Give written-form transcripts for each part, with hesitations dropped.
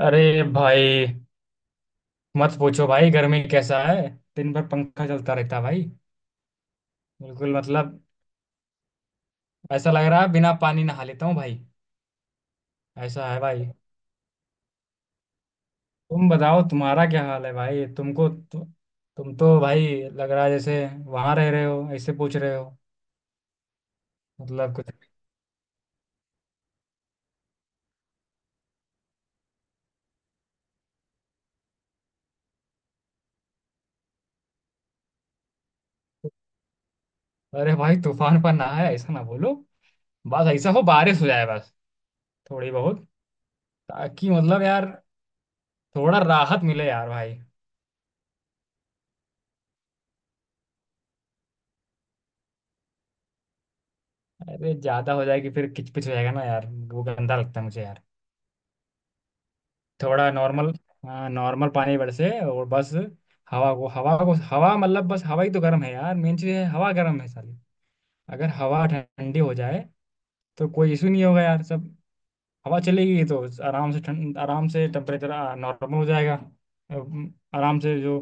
अरे भाई मत पूछो भाई, गर्मी कैसा है। दिन भर पंखा चलता रहता है भाई। बिल्कुल मतलब ऐसा लग रहा है, बिना पानी नहा लेता हूँ भाई। ऐसा है भाई। तुम बताओ तुम्हारा क्या हाल है भाई। तुम तो भाई लग रहा है जैसे वहां रह रहे हो, ऐसे पूछ रहे हो। मतलब कुछ। अरे भाई तूफान पर ना है, ऐसा ना बोलो। बस ऐसा हो बारिश हो जाए, बस थोड़ी बहुत। ताकि मतलब यार थोड़ा राहत मिले यार भाई। अरे ज्यादा हो जाएगी फिर किचपिच हो जाएगा ना यार, वो गंदा लगता है मुझे यार। थोड़ा नॉर्मल, हाँ नॉर्मल पानी बरसे और बस। हवा मतलब बस हवा ही तो गर्म है यार, मेन चीज़ है, हवा गर्म है साली। अगर हवा ठंडी हो जाए तो कोई इशू नहीं होगा यार। सब हवा चलेगी तो आराम से ठंड, आराम से टेम्परेचर नॉर्मल हो जाएगा। आराम से जो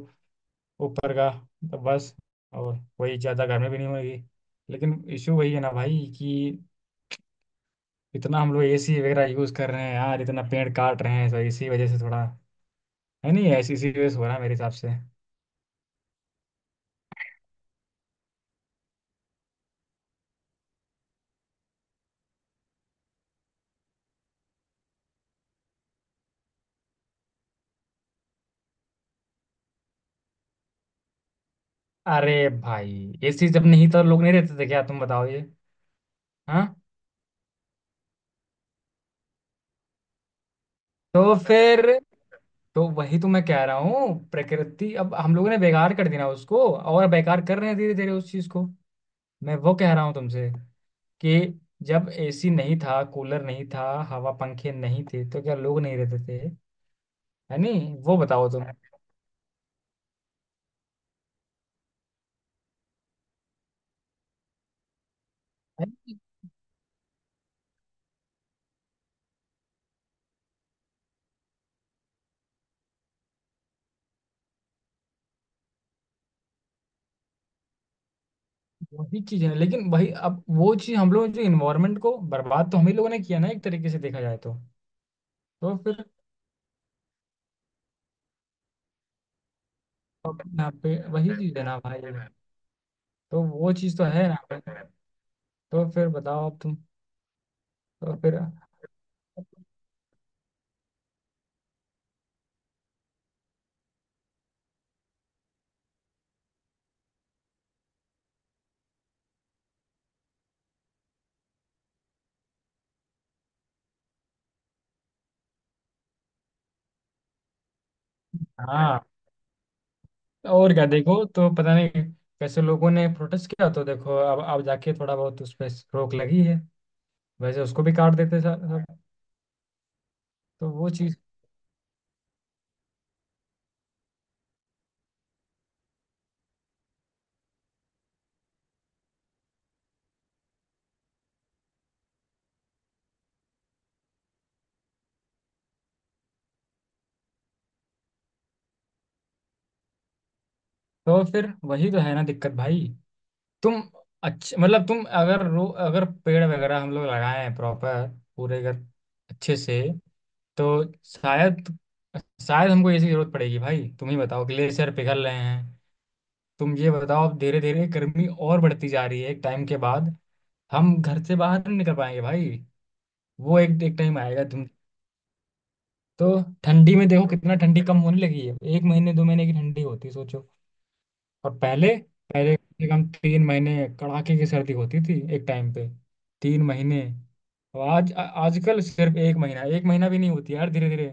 ऊपर का, तो बस, और वही ज़्यादा गर्मी भी नहीं होगी। लेकिन इशू वही है ना भाई कि इतना हम लोग एसी वगैरह यूज़ कर रहे हैं यार, इतना पेड़ काट रहे हैं, तो इसी वजह से थोड़ा है नहीं, ऐसी सीरियस हो रहा है मेरे हिसाब से। अरे भाई ऐसी जब नहीं तो लोग नहीं रहते थे क्या? तुम बताओ ये। हाँ। तो फिर तो वही तो मैं कह रहा हूँ, प्रकृति अब हम लोगों ने बेकार कर दिया ना उसको, और बेकार कर रहे हैं धीरे धीरे उस चीज को। मैं वो कह रहा हूँ तुमसे कि जब एसी नहीं था, कूलर नहीं था, हवा पंखे नहीं थे तो क्या लोग नहीं रहते थे? है नहीं, वो बताओ तुम। अरे, वही चीज है, लेकिन वही अब वो चीज हम लोग जो इन्वायरमेंट को बर्बाद तो हम ही लोगों ने किया ना, एक तरीके से देखा जाए तो। तो फिर अपने आप पे वही चीज है ना भाई। तो वो चीज तो है ना भाई। तो फिर बताओ अब तुम। तो फिर? हाँ, और क्या, देखो तो पता नहीं कैसे लोगों ने प्रोटेस्ट किया, तो देखो अब जाके थोड़ा बहुत उस पर रोक लगी है, वैसे उसको भी काट देते सब सब। तो वो चीज। तो फिर वही तो है ना दिक्कत भाई। तुम अच्छे, मतलब तुम अगर रो अगर पेड़ वगैरह हम लोग लगाए हैं प्रॉपर, पूरे घर अच्छे से, तो शायद, शायद हमको ऐसी जरूरत पड़ेगी भाई। तुम ही बताओ ग्लेशियर पिघल रहे हैं, तुम ये बताओ, अब धीरे धीरे गर्मी और बढ़ती जा रही है, एक टाइम के बाद हम घर से बाहर नहीं निकल पाएंगे भाई। वो एक एक टाइम आएगा, तुम। तो ठंडी में देखो कितना ठंडी कम होने लगी है, 1 महीने 2 महीने की ठंडी होती है, सोचो। और पहले, पहले कम से कम 3 महीने कड़ाके की सर्दी होती थी एक टाइम पे, 3 महीने। और आज आजकल सिर्फ 1 महीना 1 महीना भी नहीं होती यार, धीरे धीरे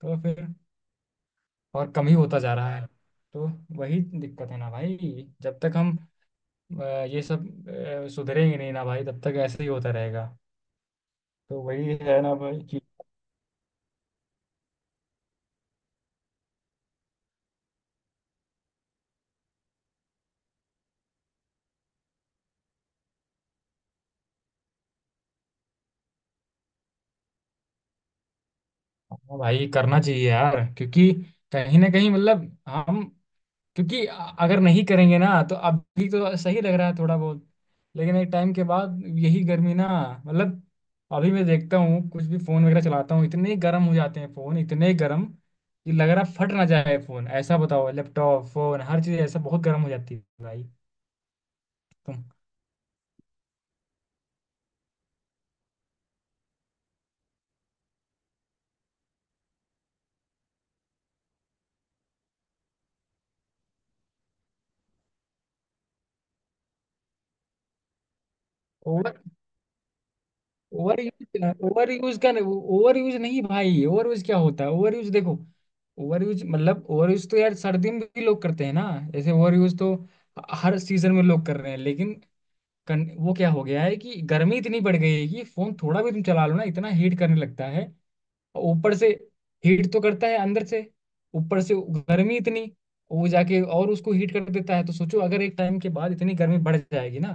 तो फिर और कम ही होता जा रहा है। तो वही दिक्कत है ना भाई, जब तक हम अ, ये सब सुधरेंगे नहीं ना भाई, तब तक ऐसे ही होता रहेगा। तो वही है ना भाई कि, हाँ भाई करना चाहिए यार, क्योंकि कहीं ना कहीं मतलब हम, क्योंकि अगर नहीं करेंगे ना तो अभी तो सही लग रहा है थोड़ा बहुत, लेकिन एक टाइम के बाद यही गर्मी ना, मतलब अभी मैं देखता हूँ कुछ भी फोन वगैरह चलाता हूँ इतने गर्म हो जाते हैं, फोन इतने गर्म कि लग रहा फट ना जाए फोन, ऐसा। बताओ लैपटॉप, फोन हर चीज ऐसा बहुत गर्म हो जाती है भाई। तुम over, over use, over use का। ओवर यूज नहीं भाई, ओवर यूज क्या होता है? ओवर यूज देखो, ओवर यूज मतलब ओवर यूज तो यार सर्दी में भी लोग करते हैं ना, ऐसे ओवर यूज तो हर सीजन में लोग कर रहे हैं, लेकिन वो क्या हो गया है कि गर्मी इतनी बढ़ गई है कि फोन थोड़ा भी तुम चला लो ना इतना हीट करने लगता है, और ऊपर से हीट तो करता है अंदर से, ऊपर से गर्मी इतनी वो जाके और उसको हीट कर देता है। तो सोचो अगर एक टाइम के बाद इतनी गर्मी बढ़ जाएगी ना,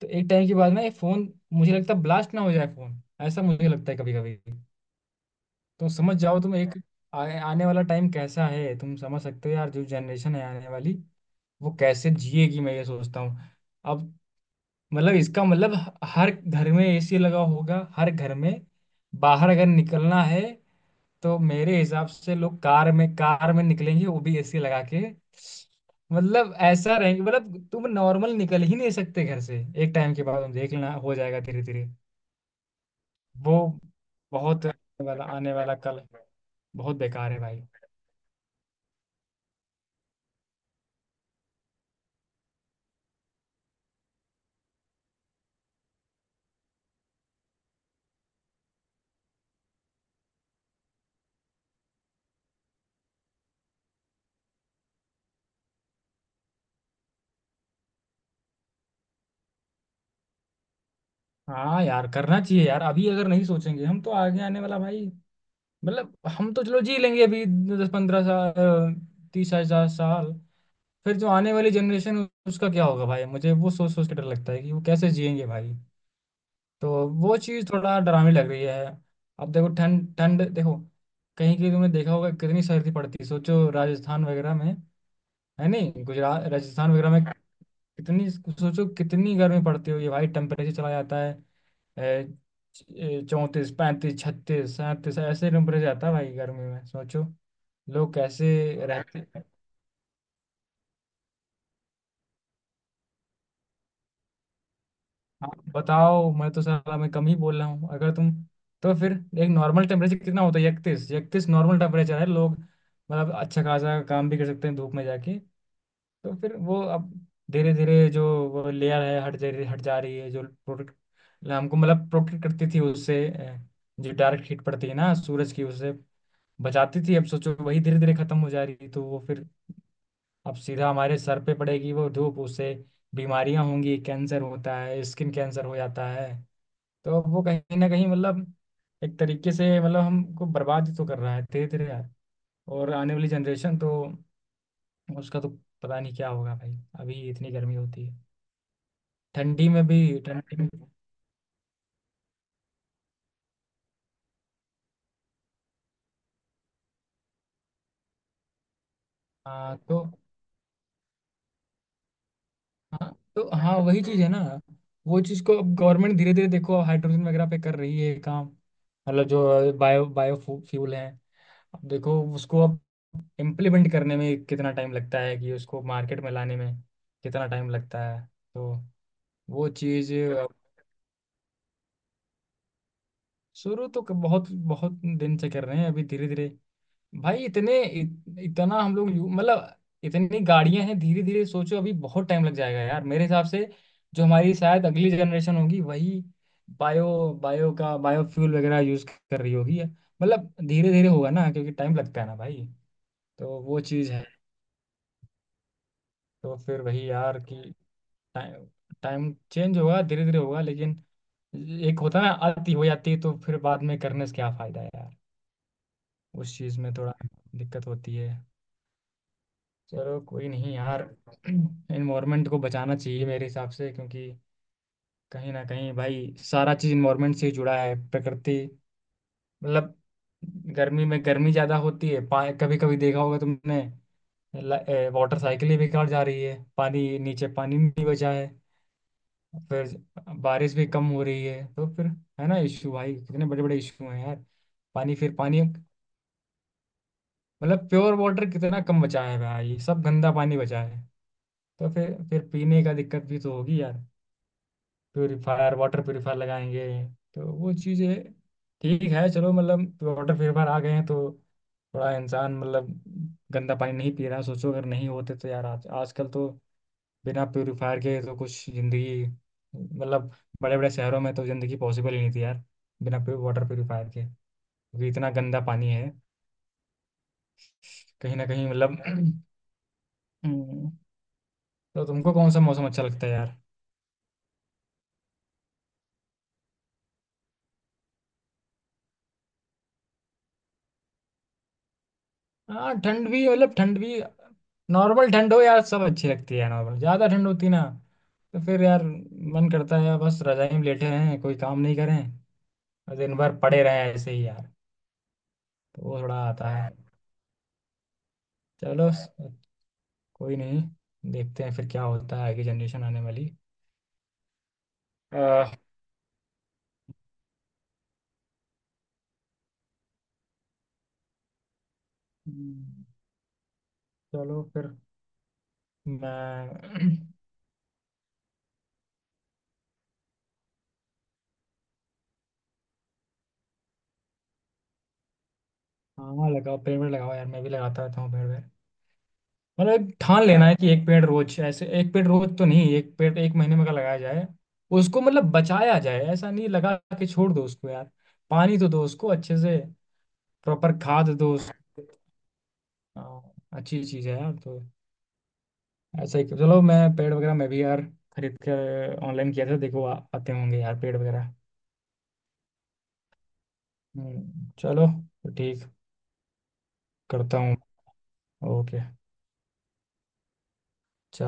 तो एक टाइम के बाद ना ये फोन मुझे लगता है ब्लास्ट ना हो जाए फोन, ऐसा मुझे लगता है कभी कभी। तो समझ जाओ तुम एक, आ, आने वाला टाइम कैसा है तुम समझ सकते हो यार, जो जनरेशन है आने वाली, वो कैसे जिएगी मैं ये सोचता हूँ। अब मतलब इसका मतलब हर घर में एसी लगा होगा, हर घर में, बाहर अगर निकलना है तो मेरे हिसाब से लोग कार में निकलेंगे, वो भी एसी लगा के। मतलब ऐसा रहेंगे, मतलब तुम नॉर्मल निकल ही नहीं सकते घर से। एक टाइम के बाद देखना, हो जाएगा धीरे धीरे वो। बहुत आने वाला कल बहुत बेकार है भाई। हाँ यार करना चाहिए यार, अभी अगर नहीं सोचेंगे हम तो आगे आने वाला भाई, मतलब हम तो चलो जी लेंगे अभी, 10-15 साल, 30,000 साल। फिर जो आने वाली जनरेशन, उसका क्या होगा भाई, मुझे वो सोच सोच के डर लगता है कि वो कैसे जिएंगे भाई। तो वो चीज़ थोड़ा डरावनी लग रही है। अब देखो ठंड, ठंड देखो कहीं कहीं तुमने देखा होगा कितनी सर्दी पड़ती है, सोचो राजस्थान वगैरह में, है नहीं, गुजरात, राजस्थान वगैरह में कितनी, सोचो कितनी गर्मी पड़ती होगी भाई, टेम्परेचर चला जाता है 34 35 36 37, ऐसे नंबर जाता है भाई गर्मी में, सोचो। लोग कैसे रहते हैं आप बताओ, मैं तो साला मैं कम ही बोल रहा हूँ, अगर तुम, तो फिर। एक नॉर्मल टेम्परेचर कितना होता है, इकतीस, इकतीस नॉर्मल टेम्परेचर है, लोग मतलब अच्छा खासा काम भी कर सकते हैं धूप में जाके। तो फिर वो अब धीरे धीरे जो वो लेयर है हट जा रही है जो प्रोटेक्ट हमको, मतलब प्रोटेक्ट करती थी उससे, जो डायरेक्ट हीट पड़ती है ना सूरज की, उससे बचाती थी, अब सोचो वही धीरे धीरे खत्म हो जा रही थी तो वो फिर अब सीधा हमारे सर पे पड़ेगी वो धूप, उससे बीमारियां होंगी, कैंसर होता है, स्किन कैंसर हो जाता है। तो अब वो कहीं ना कहीं मतलब एक तरीके से मतलब हमको बर्बाद ही तो कर रहा है धीरे धीरे यार। और आने वाली जनरेशन तो, उसका तो पता नहीं क्या होगा भाई, अभी इतनी गर्मी होती है, ठंडी में भी ठंडी में। हाँ तो हाँ तो हाँ वही चीज है ना, वो चीज को अब गवर्नमेंट धीरे धीरे देखो हाइड्रोजन वगैरह पे कर रही है काम, मतलब जो बायो बायो फ्यूल है। अब देखो उसको अब इम्प्लीमेंट करने में कितना टाइम लगता है, कि उसको मार्केट में लाने में कितना टाइम लगता है, तो वो चीज। शुरू तो बहुत बहुत दिन से कर रहे हैं, अभी धीरे धीरे भाई इतने इतना हम लोग मतलब, इतनी गाड़ियां हैं, धीरे धीरे सोचो अभी बहुत टाइम लग जाएगा यार मेरे हिसाब से। जो हमारी शायद अगली जनरेशन होगी, वही बायो बायो का बायो फ्यूल वगैरह यूज कर रही होगी, मतलब धीरे धीरे होगा ना, क्योंकि टाइम लगता है ना भाई। तो वो चीज़ है। तो फिर वही यार कि टाइम, टाइम चेंज होगा, धीरे धीरे होगा, लेकिन एक होता है ना आती हो जाती है तो फिर बाद में करने से क्या फायदा है यार। उस चीज़ में थोड़ा दिक्कत होती है। चलो कोई नहीं यार, इन्वायरमेंट को बचाना चाहिए मेरे हिसाब से, क्योंकि कहीं ना कहीं भाई सारा चीज इन्वायरमेंट से ही जुड़ा है। प्रकृति मतलब, गर्मी में गर्मी ज्यादा होती है पा, कभी कभी देखा होगा तुमने, वाटर साइकिल ही बेकार जा रही है, पानी नीचे पानी नहीं बचा है, फिर बारिश भी कम हो रही है, तो फिर है ना इशू भाई, कितने बड़े बड़े इशू हैं यार। पानी, फिर पानी मतलब प्योर वाटर कितना कम बचा है भाई, सब गंदा पानी बचा है। तो फिर पीने का दिक्कत भी तो होगी यार, प्योरीफायर, वाटर प्योरीफायर लगाएंगे तो वो चीज़ें ठीक है। चलो मतलब वाटर प्योरीफायर आ गए हैं तो थोड़ा इंसान मतलब गंदा पानी नहीं पी रहा, सोचो अगर नहीं होते तो यार, आज आजकल तो बिना प्योरीफायर के तो कुछ ज़िंदगी, मतलब बड़े बड़े शहरों में तो ज़िंदगी पॉसिबल ही नहीं थी यार बिना वाटर प्योरीफायर के, क्योंकि इतना गंदा पानी है। कहीं ना कहीं मतलब हम्म, तो तुमको कौन सा मौसम अच्छा लगता है यार? हाँ, ठंड भी मतलब ठंड भी नॉर्मल ठंड हो यार सब अच्छी लगती है, नॉर्मल ज़्यादा ठंड होती ना, तो फिर यार मन करता है बस रजाई में लेटे रहें, कोई काम नहीं करें, और दिन भर पड़े रहें ऐसे ही यार। तो वो थोड़ा आता है। चलो स- कोई नहीं, देखते हैं फिर क्या होता है आगे जनरेशन आने वाली। अह, हम्म, चलो फिर मैं। हाँ, लगाओ पेड़ वेड़ लगाओ यार, मैं भी लगाता रहता हूँ पेड़ वेड़। मतलब एक ठान लेना है कि एक पेड़ रोज, ऐसे एक पेड़ रोज तो नहीं, एक पेड़ 1 महीने में का लगाया जाए, उसको मतलब बचाया जाए, ऐसा नहीं लगा के छोड़ दो उसको यार, पानी तो दो उसको अच्छे से, प्रॉपर खाद दो उसको। हाँ, अच्छी चीज है यार। तो ऐसा ही चलो, मैं पेड़ वगैरह मैं भी यार खरीद कर ऑनलाइन किया था, देखो आते होंगे यार पेड़ वगैरह। चलो तो ठीक, करता हूँ। ओके। चलो।